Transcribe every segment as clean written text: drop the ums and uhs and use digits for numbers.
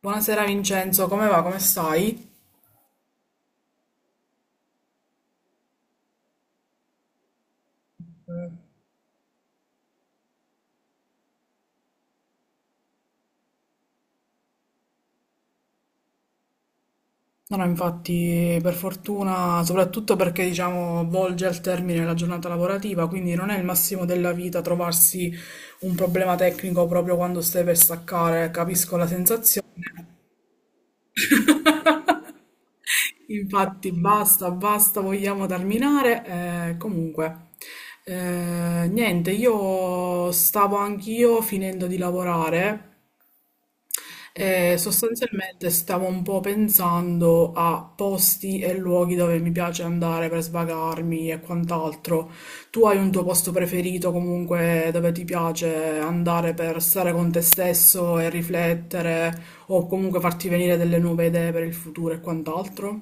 Buonasera Vincenzo, come va? Come stai? Mm. No, no, infatti, per fortuna, soprattutto perché diciamo volge al termine la giornata lavorativa, quindi non è il massimo della vita trovarsi un problema tecnico proprio quando stai per staccare, capisco la sensazione. Infatti, basta, basta, vogliamo terminare. Eh, comunque, niente, io stavo anch'io finendo di lavorare. Sostanzialmente stavo un po' pensando a posti e luoghi dove mi piace andare per svagarmi e quant'altro. Tu hai un tuo posto preferito comunque dove ti piace andare per stare con te stesso e riflettere o comunque farti venire delle nuove idee per il futuro e quant'altro?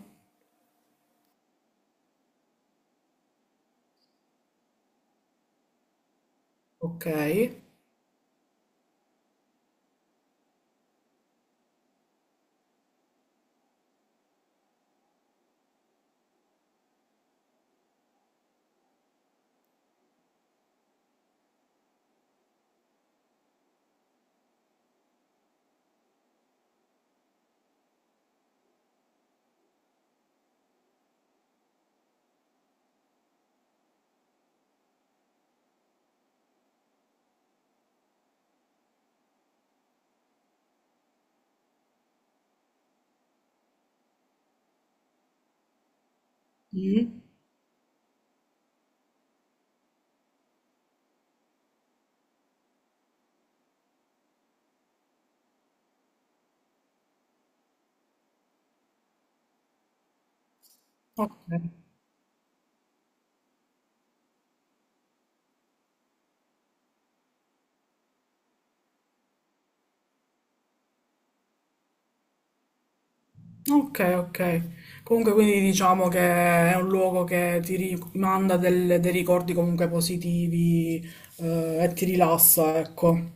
Ok. Mm. Ok. Okay, okay. Comunque, quindi diciamo che è un luogo che ti rimanda dei ricordi comunque positivi, e ti rilassa, ecco.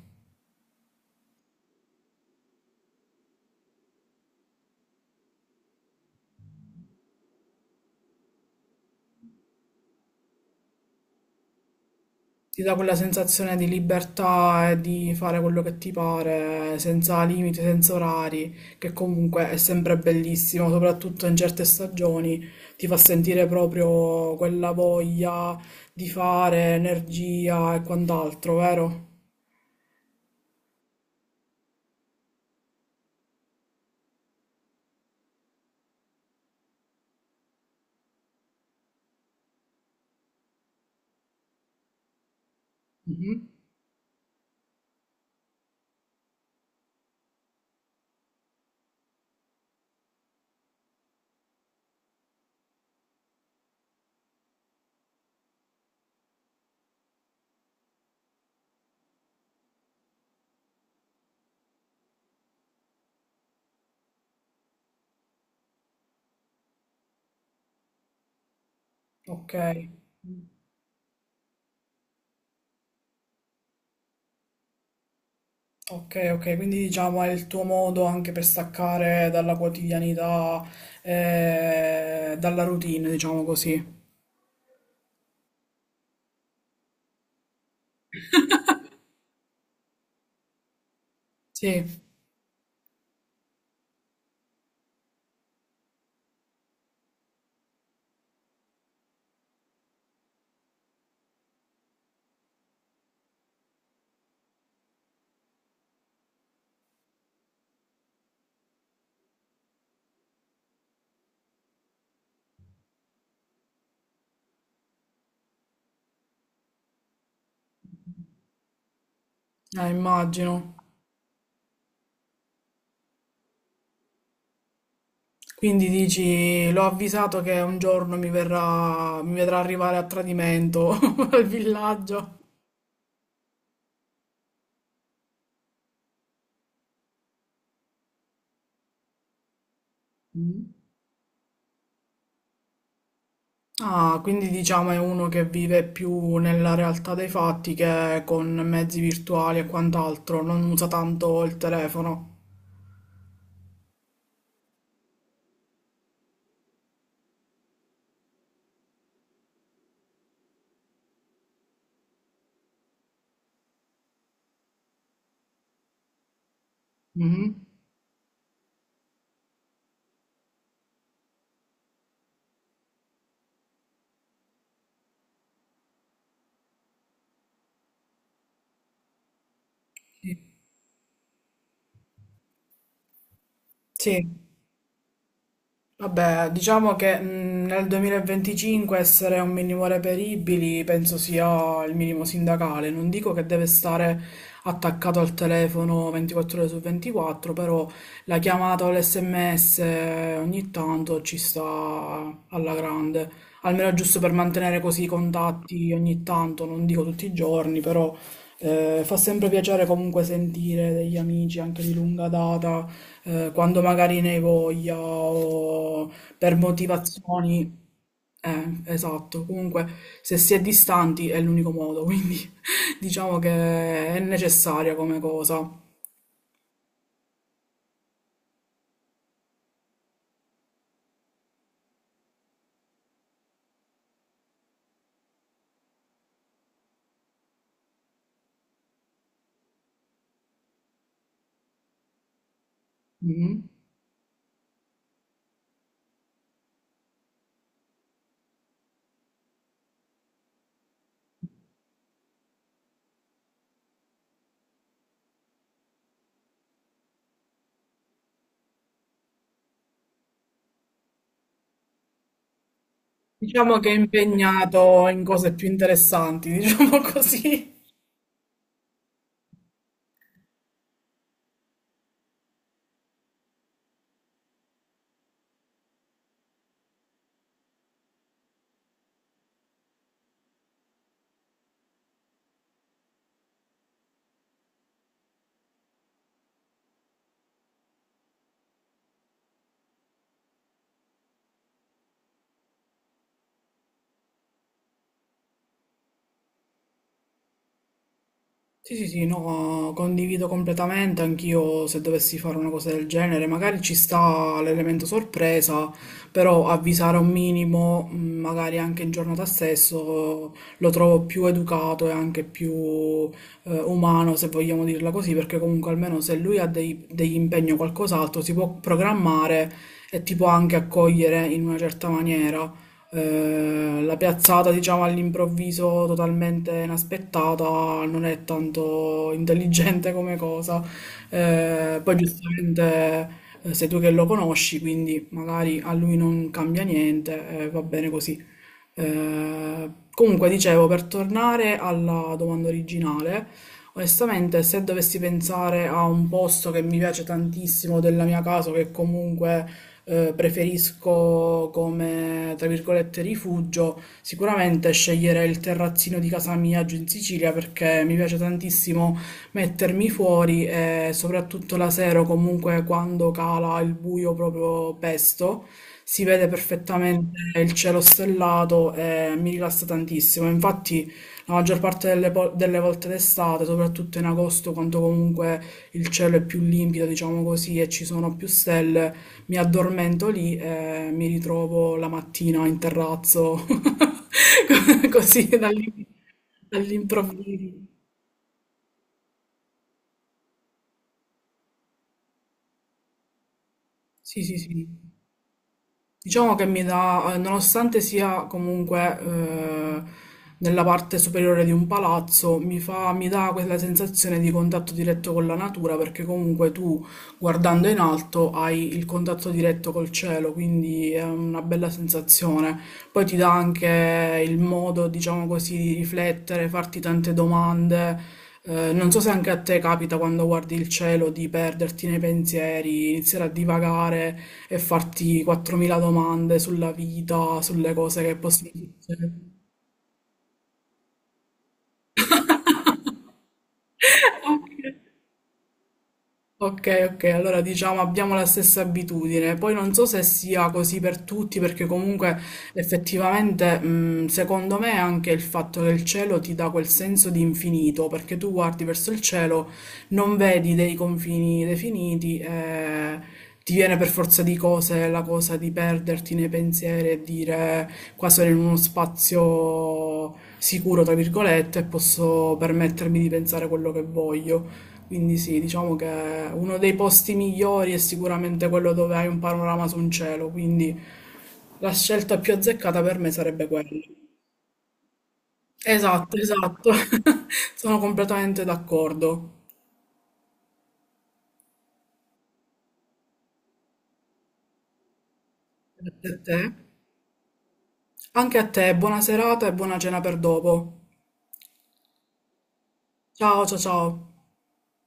Ti dà quella sensazione di libertà e di fare quello che ti pare, senza limiti, senza orari, che comunque è sempre bellissimo, soprattutto in certe stagioni. Ti fa sentire proprio quella voglia di fare, energia e quant'altro, vero? Mhm. Ok. Ok, ok, quindi diciamo è il tuo modo anche per staccare dalla quotidianità, dalla routine, diciamo così. Sì, immagino. Quindi dici, l'ho avvisato che un giorno mi verrà, mi vedrà arrivare a tradimento al villaggio. Mm. Ah, quindi diciamo è uno che vive più nella realtà dei fatti che con mezzi virtuali e quant'altro, non usa tanto il telefono. Mhm. Sì. Sì. Vabbè, diciamo che nel 2025 essere un minimo reperibili penso sia il minimo sindacale. Non dico che deve stare attaccato al telefono 24 ore su 24, però la chiamata o l'SMS, ogni tanto ci sta alla grande. Almeno giusto per mantenere così i contatti ogni tanto, non dico tutti i giorni, però, fa sempre piacere comunque sentire degli amici anche di lunga data, quando magari ne hai voglia o per motivazioni. Esatto. Comunque, se si è distanti è l'unico modo, quindi diciamo che è necessaria come cosa. Mhm. Diciamo che è impegnato in cose più interessanti, diciamo così. Sì, sì, sì, no, condivido completamente, anch'io se dovessi fare una cosa del genere, magari ci sta l'elemento sorpresa, però avvisare un minimo, magari anche in giornata stesso, lo trovo più educato e anche più umano, se vogliamo dirla così, perché comunque almeno se lui ha degli impegni o qualcos'altro si può programmare e ti può anche accogliere in una certa maniera. La piazzata, diciamo, all'improvviso totalmente inaspettata non è tanto intelligente come cosa. Poi giustamente, sei tu che lo conosci, quindi magari a lui non cambia niente, va bene così. Dicevo, per tornare alla domanda originale, onestamente, se dovessi pensare a un posto che mi piace tantissimo della mia casa, che comunque preferisco come, tra virgolette, rifugio, sicuramente sceglierei il terrazzino di casa mia giù in Sicilia, perché mi piace tantissimo mettermi fuori e soprattutto la sera, o comunque quando cala il buio proprio pesto, si vede perfettamente il cielo stellato e mi rilassa tantissimo. Infatti la maggior parte delle, delle volte d'estate, soprattutto in agosto, quando comunque il cielo è più limpido, diciamo così, e ci sono più stelle, mi addormento lì e mi ritrovo la mattina in terrazzo, così dall'improvviso. Sì, sì, sì. Diciamo che mi dà, nonostante sia comunque nella parte superiore di un palazzo, mi dà quella sensazione di contatto diretto con la natura, perché comunque tu guardando in alto hai il contatto diretto col cielo, quindi è una bella sensazione. Poi ti dà anche il modo, diciamo così, di riflettere, farti tante domande. Non so se anche a te capita quando guardi il cielo di perderti nei pensieri, iniziare a divagare e farti 4.000 domande sulla vita, sulle cose che possono succedere. Ok, ok, allora diciamo abbiamo la stessa abitudine. Poi non so se sia così per tutti, perché comunque effettivamente, secondo me anche il fatto che il cielo ti dà quel senso di infinito, perché tu guardi verso il cielo, non vedi dei confini definiti, ti viene per forza di cose la cosa di perderti nei pensieri e dire qua sono in uno spazio sicuro, tra virgolette, e posso permettermi di pensare quello che voglio. Quindi sì, diciamo che uno dei posti migliori è sicuramente quello dove hai un panorama su un cielo, quindi la scelta più azzeccata per me sarebbe quella. Esatto, esatto. Sono completamente d'accordo. Grazie a te. Anche a te, buona serata e buona cena per dopo. Ciao, ciao, ciao.